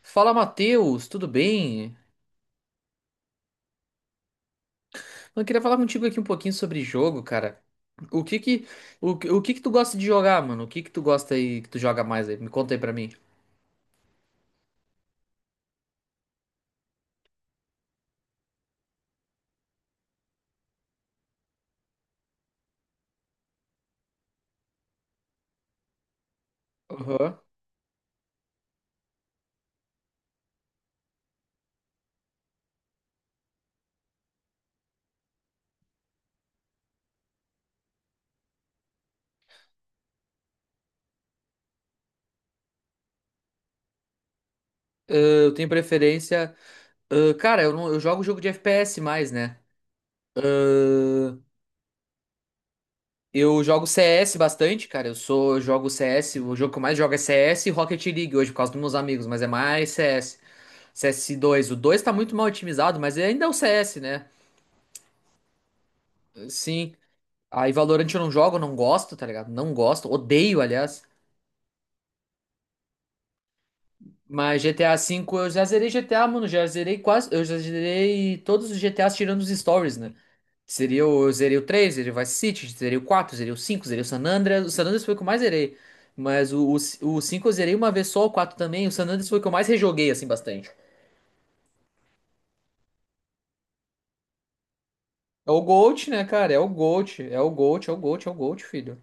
Fala, Matheus, tudo bem? Eu queria falar contigo aqui um pouquinho sobre jogo, cara. O que que, o que que tu gosta de jogar, mano? O que que tu gosta aí, que tu joga mais aí? Me conta aí pra mim. Aham. Ah, eu tenho preferência. Ah, cara, não, eu jogo jogo de FPS mais, né? Ah, eu jogo CS bastante, cara. Eu jogo CS. O jogo que eu mais jogo é CS e Rocket League hoje, por causa dos meus amigos, mas é mais CS. CS dois. O 2 tá muito mal otimizado, mas ainda é o CS, né? Sim. Aí Valorant eu não jogo, não gosto, tá ligado? Não gosto, odeio, aliás. Mas GTA V eu já zerei GTA, mano, já zerei quase, eu já zerei todos os GTAs tirando os stories, né? Eu zerei o 3, zerei o Vice City, zerei o 4, zerei o 5, zerei o San Andreas. O San Andreas foi o que eu mais zerei. Mas o 5 eu zerei uma vez só, o 4 também. O San Andreas foi o que eu mais rejoguei, assim, bastante. É o Gold, né, cara? É o Gold, é o Gold, é o Gold, é o Gold, filho.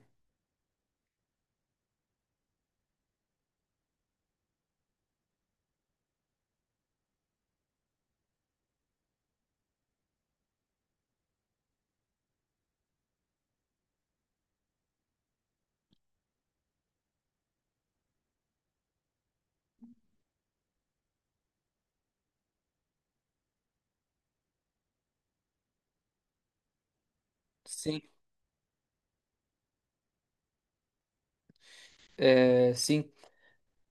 Sim, é, sim.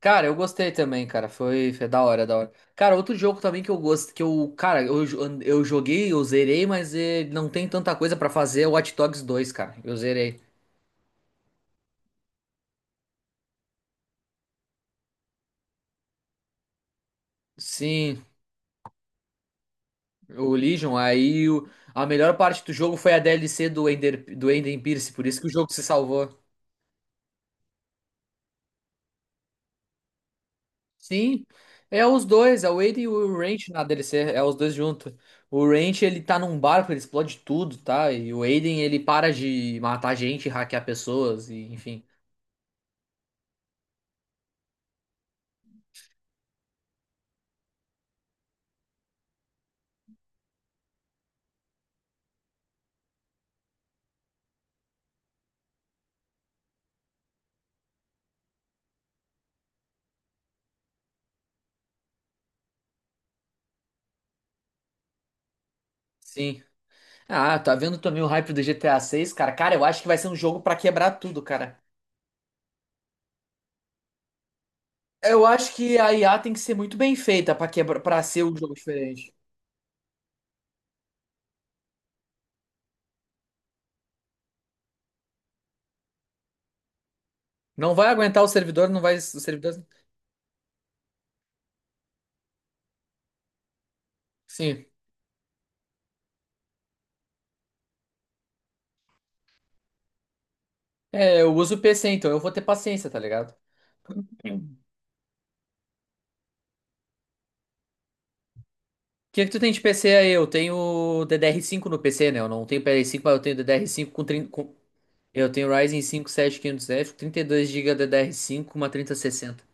Cara, eu gostei também, cara. Foi da hora, da hora. Cara, outro jogo também que eu gosto, que eu joguei, eu zerei, mas não tem tanta coisa pra fazer, é o Watch Dogs dois, cara. Eu zerei. Sim, o Legion, a melhor parte do jogo foi a DLC do Ender, do Enden Pierce, por isso que o jogo se salvou. Sim, é os dois, é o Aiden e o Ranch na DLC, é os dois juntos. O Ranch, ele tá num barco, ele explode tudo, tá? E o Aiden, ele para de matar gente, hackear pessoas, e enfim. Sim. Ah, tá vendo também o hype do GTA 6, cara? Cara, eu acho que vai ser um jogo pra quebrar tudo, cara. Eu acho que a IA tem que ser muito bem feita pra quebrar, para ser um jogo diferente. Não vai aguentar o servidor, não vai, o servidor. Sim. É, eu uso o PC, então eu vou ter paciência, tá ligado? O que que tu tem de PC aí? Eu tenho DDR5 no PC, né? Eu não tenho PS5, mas eu tenho DDR5 com, 30. Com... Eu tenho Ryzen 5 7500F, 32 GB DDR5, uma 3060.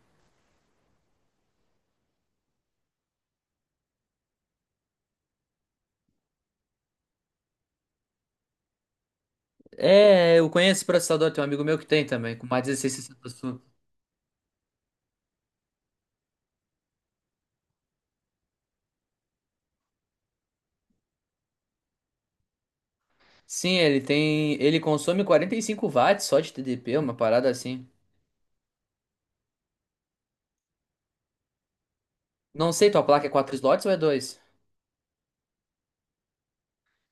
É, eu conheço esse processador, tem um amigo meu que tem também, com uma 1660 Super. Sim, ele tem. Ele consome 45 watts só de TDP, uma parada assim. Não sei, tua placa é quatro slots ou é dois.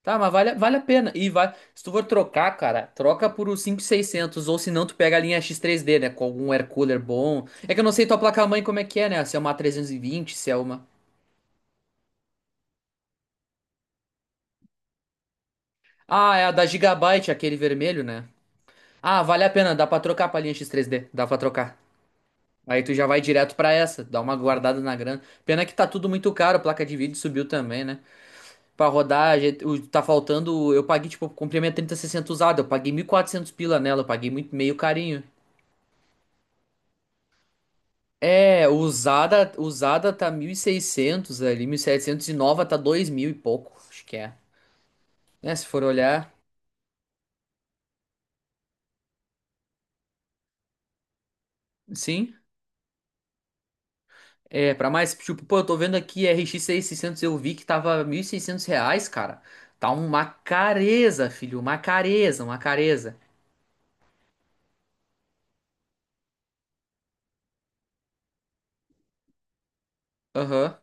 Tá, mas vale a pena. E vai. Se tu for trocar, cara, troca por o 5.600 ou se não, tu pega a linha X3D, né? Com algum air cooler bom. É que eu não sei tua placa-mãe como é que é, né? Se é uma A320, se é uma. Ah, é a da Gigabyte, aquele vermelho, né? Ah, vale a pena, dá pra trocar pra linha X3D, dá pra trocar. Aí tu já vai direto pra essa, dá uma guardada na grana. Pena que tá tudo muito caro, placa de vídeo subiu também, né? Pra rodar, tá faltando. Eu paguei, tipo, eu comprei minha 3060 usada. Eu paguei 1.400 pila nela. Eu paguei muito, meio carinho. É, usada, usada tá 1.600 ali, 1.700 e 700 e nova tá 2.000 e pouco. Acho que é. Né, se for olhar. Sim. É, pra mais, tipo, pô, eu tô vendo aqui RX 600. Eu vi que tava 1.600 reais, cara. Tá uma careza, filho. Uma careza, uma careza. Aham.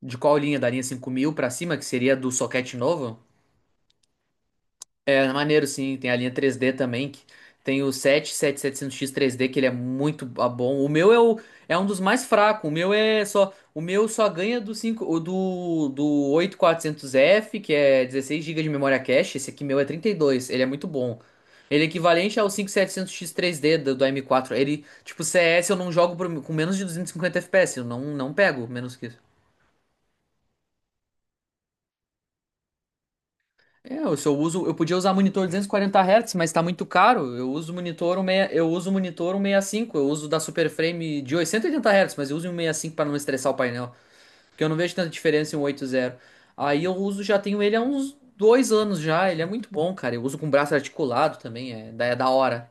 De qual linha? Da linha 5.000 pra cima, que seria do soquete novo? É maneiro, sim. Tem a linha 3D também. Que tem o 7700X 3D, que ele é muito bom. O meu é um dos mais fracos. O meu é só. O meu só ganha do 5, o do 8400F, que é 16 GB de memória cache. Esse aqui meu é 32. Ele é muito bom. Ele é equivalente ao 5700X 3D do M4. Ele, tipo, CS eu não jogo com menos de 250 FPS. Eu não pego menos que isso. É, eu, se eu uso, eu podia usar monitor 240 Hz, mas tá muito caro. Eu uso monitor um sessenta e cinco Eu uso da Superframe de 880 Hz, mas eu uso um em cinco para não estressar o painel, porque eu não vejo tanta diferença em um 80. Aí eu uso, já tenho ele há uns dois anos já, ele é muito bom, cara. Eu uso com braço articulado também, é da hora.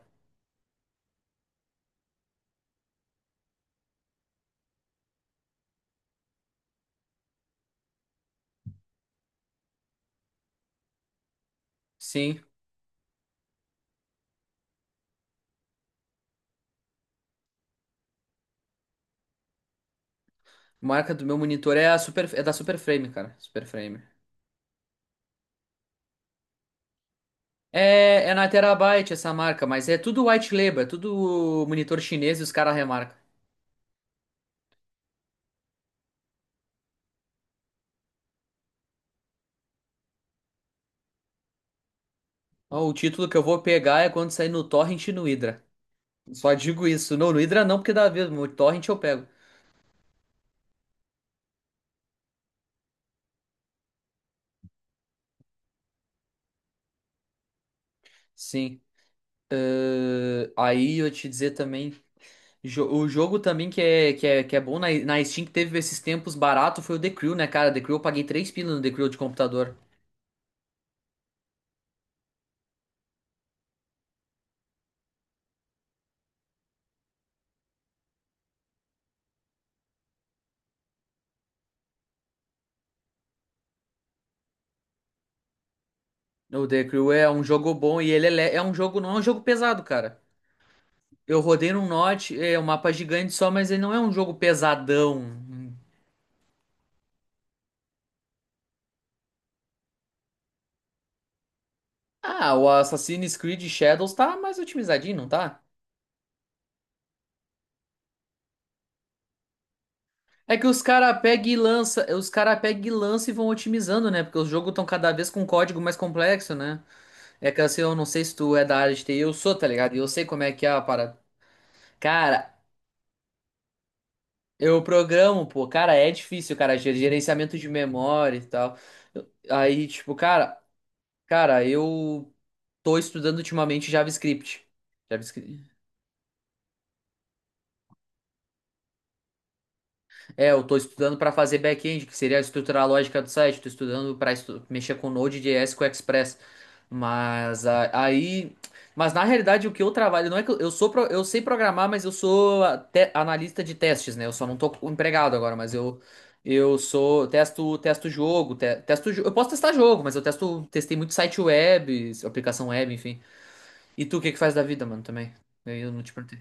Sim, a marca do meu monitor é da Superframe, cara, Superframe. É na Terabyte essa marca, mas é tudo white label, é tudo monitor chinês e os caras remarcam. Ó, o título que eu vou pegar é quando sair no Torrent e no Hydra. Só digo isso. Não, no Hydra não, porque dá mesmo. O Torrent eu pego. Sim. Aí eu te dizer também. O jogo também que é bom na, Steam, que teve esses tempos barato, foi o The Crew, né, cara? The Crew eu paguei 3 pilas no The Crew de computador. O The Crew é um jogo bom e ele é um jogo, não é um jogo pesado, cara. Eu rodei num Notch, é um mapa gigante só, mas ele não é um jogo pesadão. Ah, o Assassin's Creed Shadows tá mais otimizadinho, não tá? É que os cara pega e lança, os cara pega e lança e vão otimizando, né? Porque os jogos estão cada vez com um código mais complexo, né? É que assim, eu não sei se tu é da área de TI, eu sou, tá ligado? E eu sei como é que é a parada. Cara, eu programo, pô, cara, é difícil, cara, gerenciamento de memória e tal. Aí, tipo, cara, eu tô estudando ultimamente JavaScript. JavaScript. É, eu tô estudando para fazer back-end, que seria estruturar a lógica do site. Tô estudando para mexer com Node.js, com Express. Mas aí, mas na realidade o que eu trabalho não é que eu sou pro- eu sei programar, mas eu sou analista de testes, né? Eu só não tô empregado agora, mas eu sou testo testo jogo, eu posso testar jogo, mas eu testo testei muito site web, aplicação web, enfim. E tu o que que faz da vida, mano, também? Eu não te perguntei.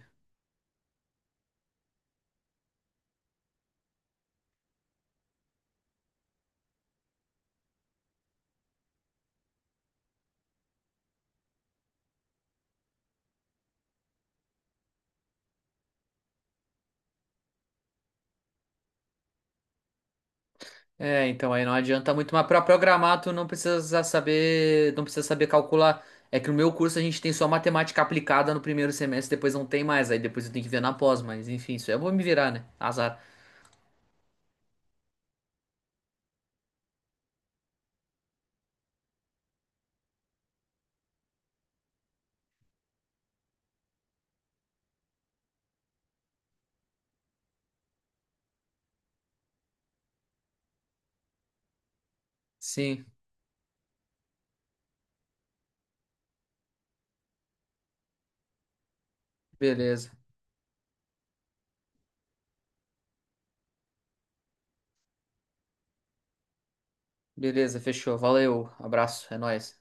É, então aí não adianta muito, mas para programar tu não precisa saber, não precisa saber calcular. É que no meu curso a gente tem só matemática aplicada no primeiro semestre, depois não tem mais, aí depois eu tenho que ver na pós, mas enfim, isso eu vou me virar, né? Azar. Sim, beleza. Beleza, fechou. Valeu, abraço, é nóis.